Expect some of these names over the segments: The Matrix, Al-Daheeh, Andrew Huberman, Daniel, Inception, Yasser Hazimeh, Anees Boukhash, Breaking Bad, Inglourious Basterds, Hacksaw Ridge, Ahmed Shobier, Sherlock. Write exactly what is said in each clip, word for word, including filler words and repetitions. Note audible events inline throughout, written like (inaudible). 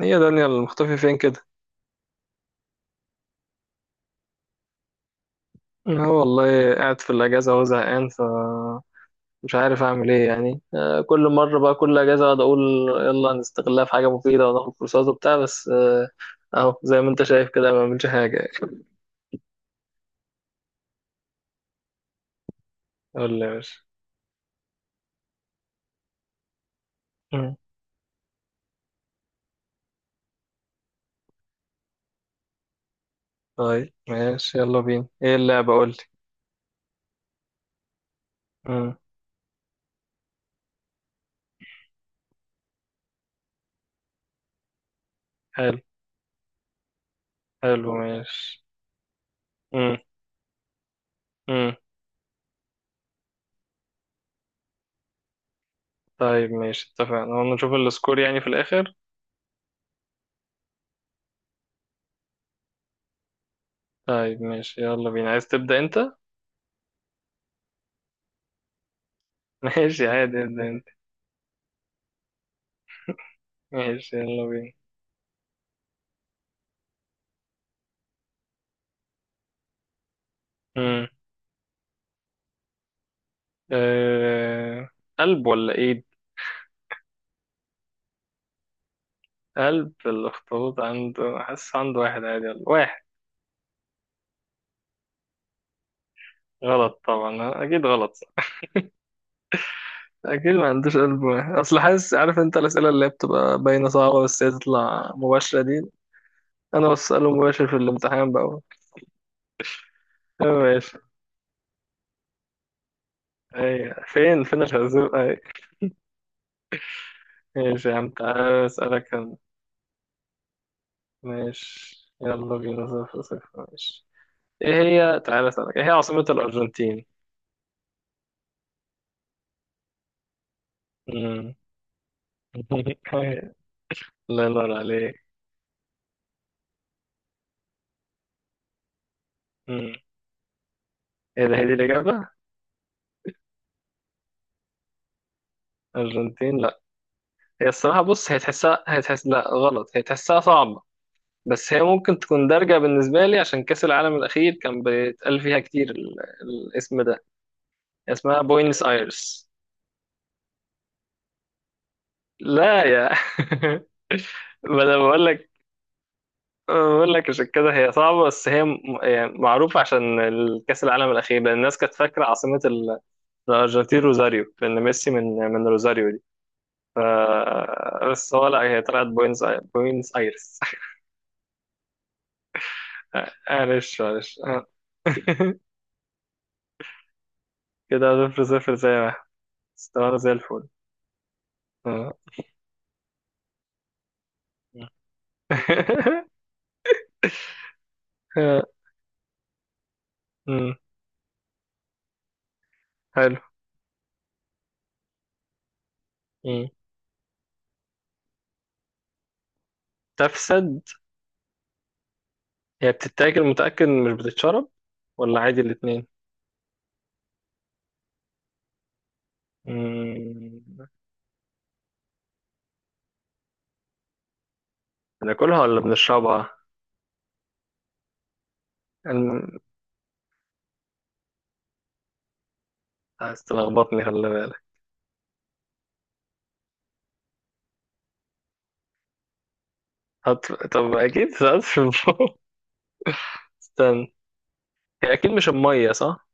هي دانيال المختفي فين كده؟ اه والله قاعد في الاجازه وهو زهقان فمش عارف اعمل ايه يعني، آه، كل مره بقى، كل اجازه اقعد اقول يلا نستغلها في حاجه مفيده وناخد كورسات وبتاع بس. آه، اهو زي ما انت شايف كده، ما بعملش حاجه يعني. قول لي يا باشا. مم. طيب ماشي، يلا بينا، ايه اللعبه؟ قول لي. مم. حلو. حلو ماشي. مم. مم. طيب ماشي اتفقنا، هو نشوف السكور يعني في الاخر. طيب ماشي، يلا بينا، عايز تبدا انت؟ (laughs) ماشي عادي، ابدا انت. ماشي يلا بينا. أه... قلب ولا ايد؟ قلب الاخطبوط عنده؟ حاسس عنده واحد عادي ولا واحد. غلط طبعا، اكيد غلط صح. اكيد ما عندوش قلب واحد، اصل حاسس، عارف انت الاسئله اللي هي بتبقى باينه صعبه، بس هي تطلع مباشره دي. انا بساله مباشر في الامتحان بقى. أيوة ماشي. اي فين فين الخازوق اي؟ ماشي يا عم، تعالى اسالك أنا. ماشي يلا بينا، صفر صفر، ماشي. ايه هي؟ تعالى اسالك، ايه هي عاصمه الارجنتين؟ مم. (laughs) الله ينور عليك. مم. ايه ده؟ هي دي الإجابة؟ أرجنتين؟ لا. هي الصراحة بص، هي تحسها، هي تحس، لا غلط، هي تحسها صعبة، بس هي ممكن تكون دارجة بالنسبة لي عشان كأس العالم الأخير كان بيتقال فيها كتير ال... الاسم ده، اسمها بوينس آيرس. لا يا، (laughs) ما أنا بقول لك، بقول لك عشان كده هي صعبة، بس هي م... يعني معروفة عشان ال- كأس العالم الأخير، لأن الناس كانت فاكرة عاصمة ال... الأرجنتين روزاريو، لأن ميسي من من روزاريو دي ف... بس هو لا، هي طلعت بوينس آي- بوينس آيرس. آه، معلش معلش آه. (laughs) كده صفر صفر زي ما احنا استوانا زي الفل. آه. (laughs) آه، مم، حلو. مم. تفسد. هي بتتاكل؟ متأكد إن مش بتتشرب ولا عادي الاتنين؟ مم، بناكلها ولا بنشربها؟ الم- عايز تلخبطني، خلي بالك. هت... طب أكيد سألت في الموضوع. (laughs) استنى، هي أكيد مش المية، صح؟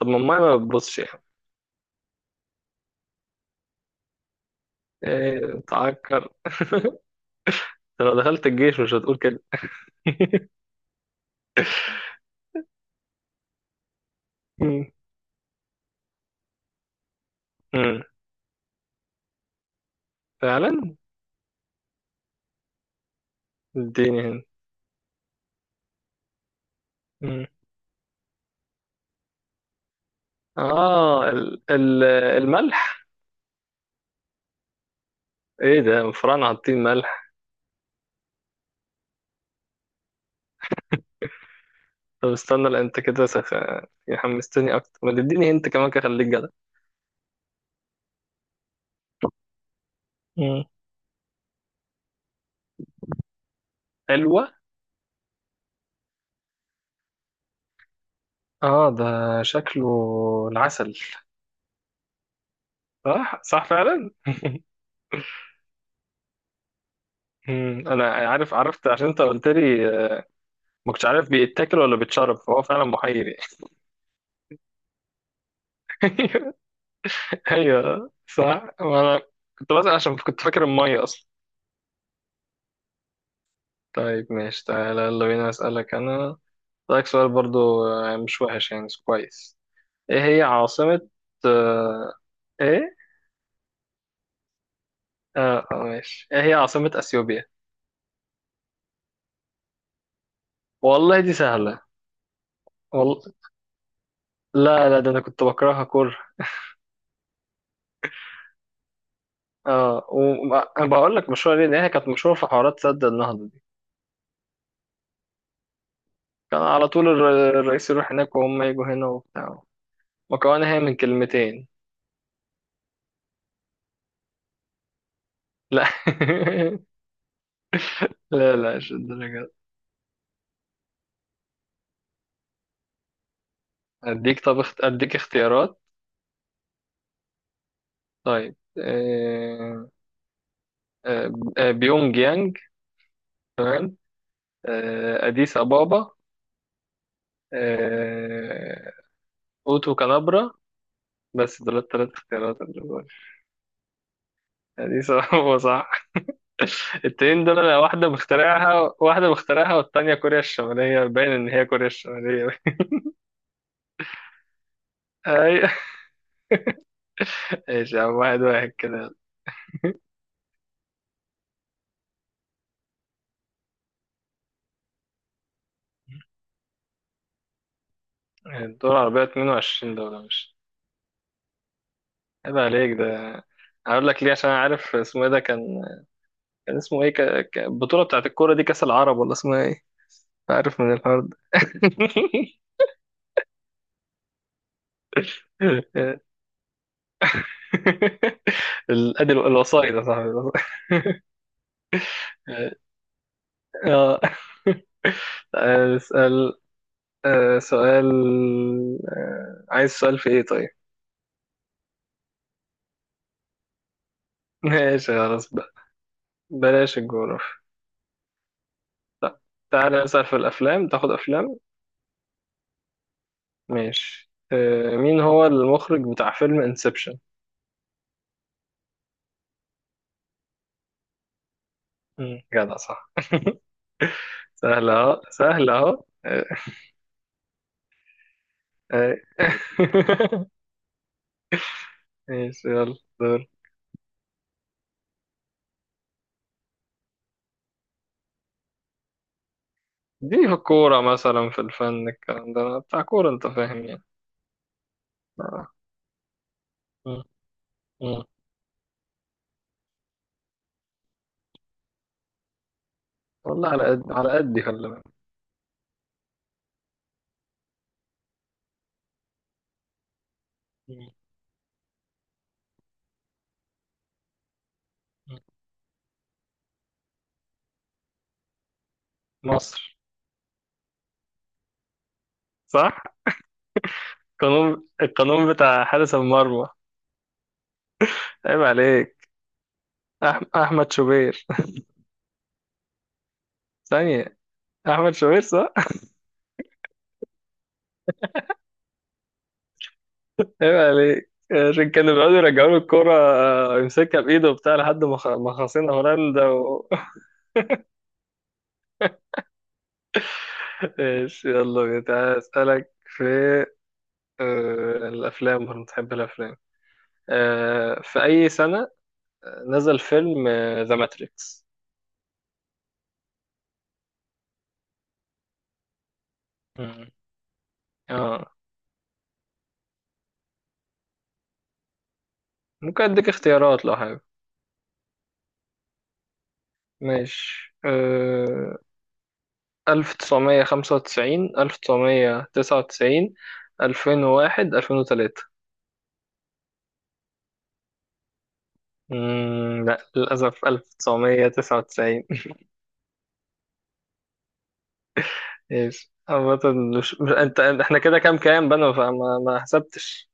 طب ما المية ما بتبصش يعني. إيه تعكر؟ (laughs) أنت لو دخلت الجيش مش هتقول كده. (laughs) مم. فعلا. اديني هنا. مم. اه ال ال الملح. ايه ده مفران حاطين ملح؟ طب استنى، لا انت كده سخ... يعني حمستني اكتر، ما تديني انت كمان كده، خليك جدع. مم. حلوة. اه ده شكله العسل. صح صح فعلا. مم. انا عارف، عرفت عشان انت قلت لي آه، ما كنتش عارف بيتاكل ولا بيتشرب، فهو فعلا محير يعني. (laughs) ايوه صح، وانا كنت بسأل عشان كنت فاكر المية اصلا. طيب ماشي، تعالى يلا بينا اسألك انا، رأيك سؤال برضو آه، مش وحش يعني، كويس. ايه هي عاصمة، آه، ايه، اه، آه، ماشي، ايه هي عاصمة اثيوبيا؟ والله دي سهلة. والله لا لا، ده انا كنت بكرهها كره. اه. وبقول لك مشهورة ليه، لأن هي كانت مشهورة في حوارات سد النهضة دي، كان على طول الر- الرئيس يروح هناك وهم يجوا هنا وبتاع. مكونة هي من كلمتين. لا. (laughs) لا لا مش الدرجة دي. اديك، طب اخت... اديك اختيارات. طيب، آه، آه، آه، بيونج يانج، آه، أديس أبابا، آه، أوتو كالابرا، بس دول التلات اختيارات اللي دول. أديس أبابا صح. (laughs) التنين دول أنا واحدة مخترعها، واحدة مخترعها، والتانية كوريا الشمالية، باين إن هي كوريا الشمالية. (laughs) أيوة. ماشي يا عم، واحد واحد كده. الدول العربية اتنين وعشرين دولة، مش؟ عيب عليك ده. هقول لك ليه، عشان أنا عارف اسمه ايه، ده كان، كان اسمه ايه ك... ك... البطولة بتاعت الكورة دي كأس العرب ولا اسمها ايه؟ عارف من الحوار ده. (laughs) (laughs) الأدل الوسائط يا صاحبي. آه. (laughs) اسأل. آه، سؤال، آه، عايز سؤال في إيه طيب؟ (laughs) ماشي خلاص بقى، بلاش الجغرافيا. لا. تعالى نسأل في الأفلام، تاخد أفلام؟ ماشي، آه، مين هو المخرج بتاع فيلم انسبشن؟ جدع، صح. (laughs) سهل أهو، سهل أهو آه، آه. (laughs) ماشي، يلا دور. دي في الكورة مثلا، في الفن الكلام ده بتاع كورة، أنت فاهم يعني. آه. مم. مم. والله على قد على قد، خلي بالك. مم. مم. مصر. صح. القانون القانون بتاع حارس المرمى. عيب عليك. أح... احمد شوبير. ثانية. احمد شوبير صح. (laughs) عيب عليك. عشان كانوا بيقعدوا يرجعوا له الكورة آه، يمسكها بإيده وبتاع لحد ما خ- ما خاصين هولندا و... (laughs) ايش، يلا بينا. تعالى أسألك في آه، الأفلام، وأنا بتحب الأفلام. آه، في أي سنة نزل فيلم ذا ماتريكس؟ ممكن أديك اختيارات لو حابب. ماشي. أه... ألف تسعمية خمسة وتسعين، ألف تسعمية تسعة وتسعين، ألفين وواحد، ألفين وتلاتة. مم... لا للأسف، ألف تسعمية تسعة وتسعين. (laughs) ماشي عامة. مش مش- أنت أنت- إحنا كده، كام كام بنا، فما ما حسبتش.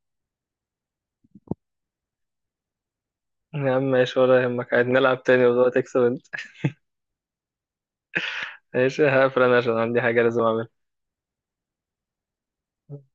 يا عم ماشي، ولا يهمك عادي، نلعب تاني ودلوقتي تكسب أنت. ماشي، هقفل أنا عشان عندي حاجة لازم أعملها.